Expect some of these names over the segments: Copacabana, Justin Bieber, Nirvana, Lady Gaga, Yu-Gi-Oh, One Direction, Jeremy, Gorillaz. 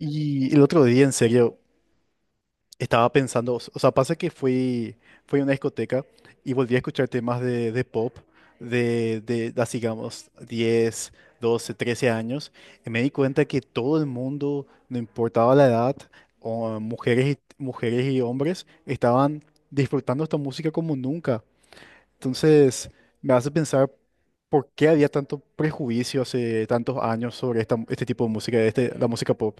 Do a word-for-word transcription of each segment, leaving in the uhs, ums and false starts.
Y el otro día, en serio, estaba pensando, o sea, pasa que fui, fui a una discoteca y volví a escuchar temas de, de pop de, de, de así, digamos, diez, doce, trece años, y me di cuenta que todo el mundo, no importaba la edad, o mujeres y, mujeres y hombres, estaban disfrutando esta música como nunca. Entonces, me hace pensar por qué había tanto prejuicio hace tantos años sobre esta, este tipo de música, este, la música pop.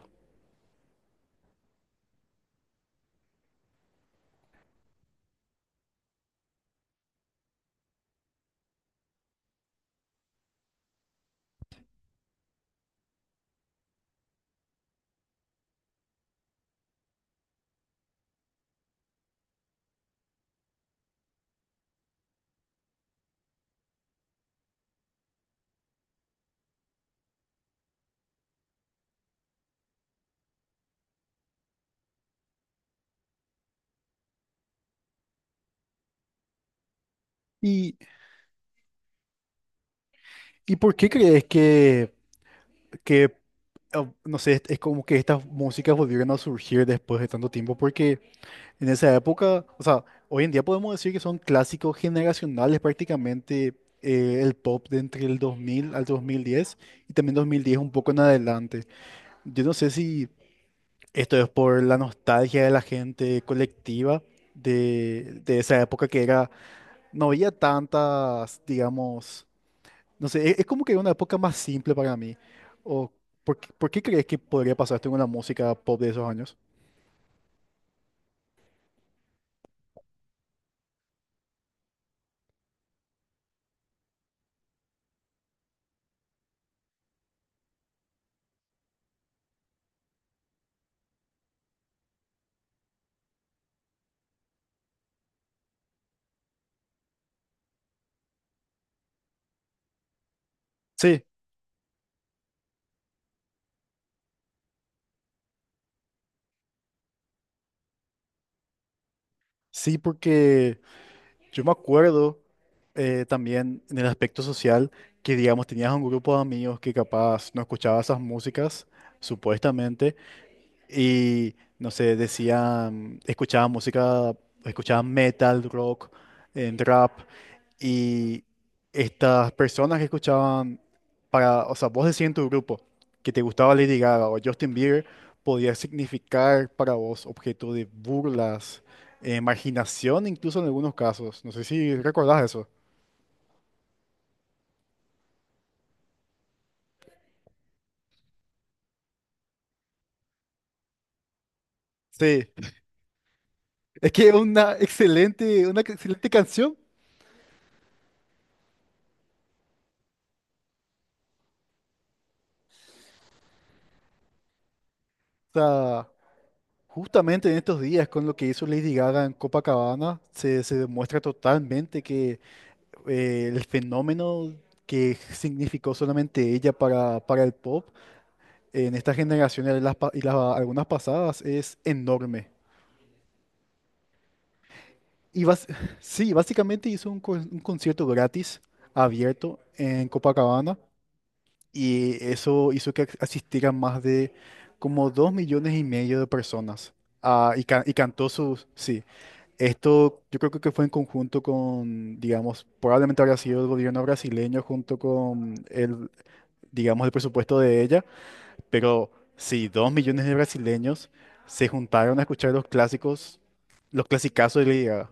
y ¿Y por qué crees que, que, ah, no sé, es como que estas músicas volvieron a surgir después de tanto tiempo? Porque en esa época, o sea, hoy en día podemos decir que son clásicos generacionales prácticamente eh, el pop de entre el dos mil al dos mil diez y también dos mil diez un poco en adelante. Yo no sé si esto es por la nostalgia de la gente colectiva de, de esa época que era, no había tantas, digamos, no sé, e- es como que una época más simple para mí. O, ¿por, qué por qué crees que podría pasar esto con la música pop de esos años? Sí, sí, porque yo me acuerdo, eh, también en el aspecto social que, digamos, tenías un grupo de amigos que capaz no escuchaba esas músicas, supuestamente, y no sé, decían, escuchaban música, escuchaban metal, rock, en rap. Y estas personas que escuchaban, para, o sea, vos decías en tu grupo que te gustaba Lady Gaga o Justin Bieber, podía significar para vos objeto de burlas, eh, marginación, incluso en algunos casos. No sé si recordás eso. Sí, es que es una excelente, una excelente canción. O sea, justamente en estos días, con lo que hizo Lady Gaga en Copacabana, se, se demuestra totalmente que, eh, el fenómeno que significó solamente ella para, para el pop en esta generación y las, pa- y las- algunas pasadas es enorme. Y bas- sí, básicamente hizo un, con- un concierto gratis, abierto, en Copacabana, y eso hizo que asistieran más de como dos millones y medio de personas. Ah, y, ca- y cantó sus, sí, esto yo creo que fue en conjunto con, digamos, probablemente habría sido el gobierno brasileño junto con el, digamos, el presupuesto de ella, pero sí, dos millones de brasileños se juntaron a escuchar los clásicos, los clasicazos de Lady Gaga.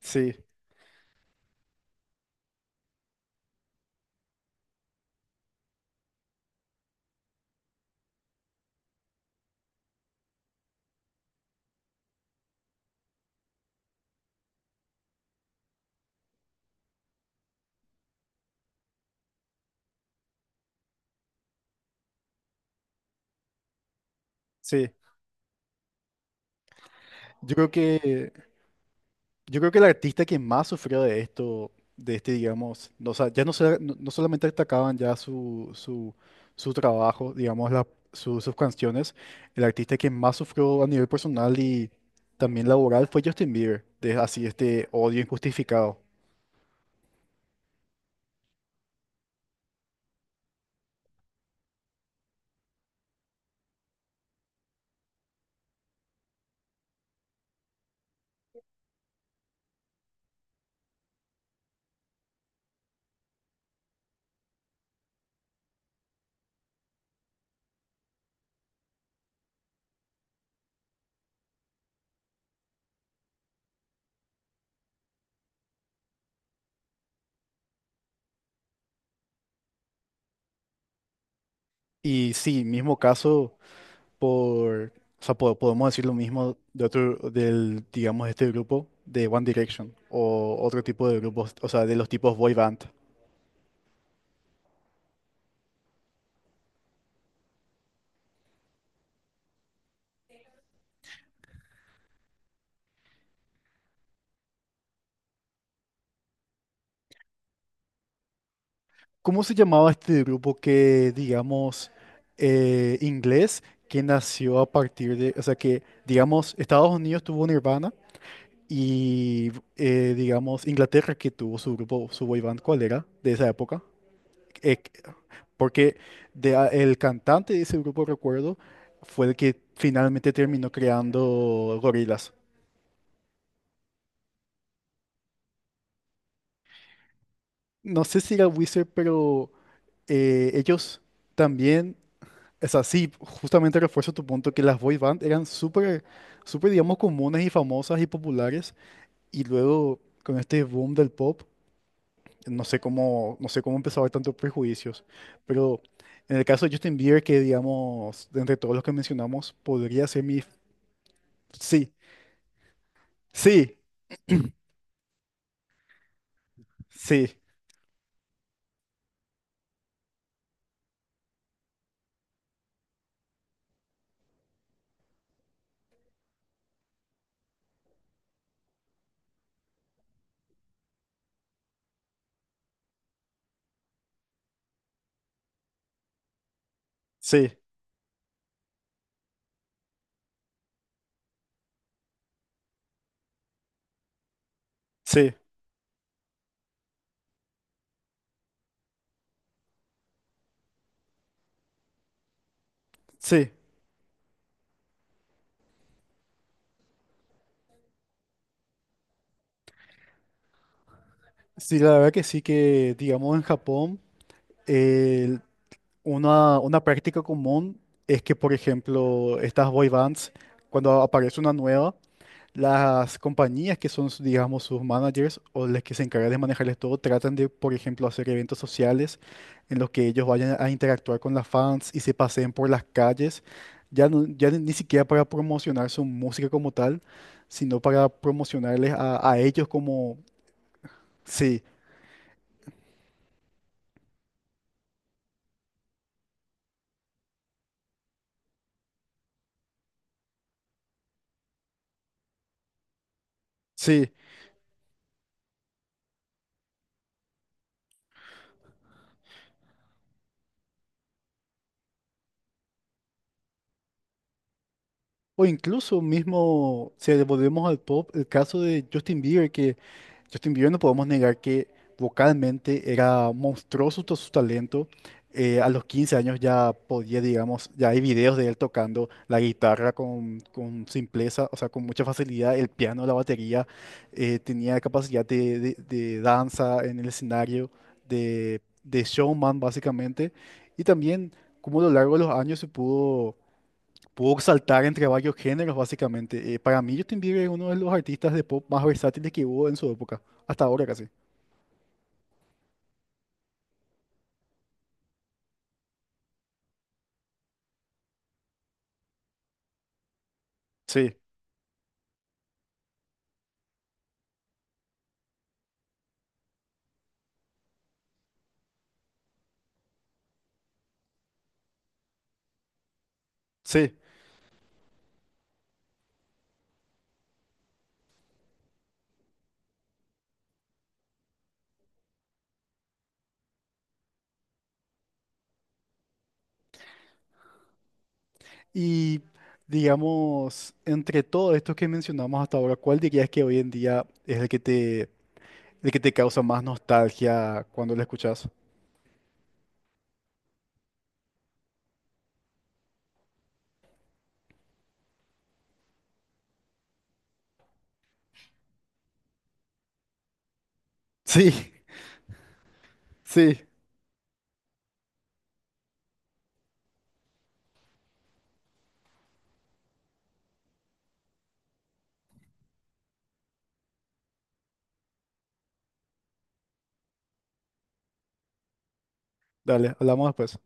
Sí, sí. Yo creo que Yo creo que el artista que más sufrió de esto, de este, digamos, no, o sea, ya no, se- no- no solamente destacaban ya su, su, su trabajo, digamos, la- su- sus canciones, el artista que más sufrió a nivel personal y también laboral fue Justin Bieber, de así este odio injustificado. Y sí, mismo caso por, o sea, po- podemos decir lo mismo de otro, del, digamos, este grupo de One Direction o otro tipo de grupos, o sea, de los tipos boy band. ¿Cómo se llamaba este grupo que, digamos, eh, inglés, que nació a partir de, o sea, que, digamos, Estados Unidos tuvo Nirvana y, eh, digamos, Inglaterra que tuvo su grupo, su boy band? ¿Cuál era de esa época? Eh, Porque de a- el cantante de ese grupo, recuerdo, fue el que finalmente terminó creando Gorillaz. No sé si era Wizard, pero, eh, ellos también. O sea, sí, justamente refuerzo tu punto que las boy band eran súper, súper, digamos, comunes y famosas y populares. Y luego, con este boom del pop, no sé cómo, no sé cómo empezó a haber tantos prejuicios. Pero en el caso de Justin Bieber, que, digamos, de entre todos los que mencionamos, podría ser mi... Sí, sí, sí, sí, sí, sí. Sí, la verdad que sí, que, digamos, en Japón, el- Una, una práctica común es que, por ejemplo, estas boy bands, cuando aparece una nueva, las compañías que son, su- digamos, sus managers o las que se encargan de manejarles todo, tratan de, por ejemplo, hacer eventos sociales en los que ellos vayan a interactuar con las fans y se paseen por las calles, ya, no- ya ni ni siquiera para promocionar su música como tal, sino para promocionarles a, a ellos como, sí, sí. O incluso mismo, si volvemos al pop, el caso de Justin Bieber, que Justin Bieber no podemos negar que vocalmente era monstruoso todo su talento. Eh, a los quince años ya podía, digamos, ya hay videos de él tocando la guitarra con, con simpleza, o sea, con mucha facilidad, el piano, la batería, eh, tenía capacidad de, de- de danza en el escenario, de, de showman básicamente, y también como a lo largo de los años se pudo Pudo saltar entre varios géneros, básicamente. Eh, para mí, Justin Bieber es uno de los artistas de pop más versátiles que hubo en su época, hasta ahora casi. Sí, sí. Y digamos, entre todos estos que mencionamos hasta ahora, ¿cuál dirías que hoy en día es el que te, el que te causa más nostalgia cuando lo escuchas? Sí, sí. Dale, hablamos después.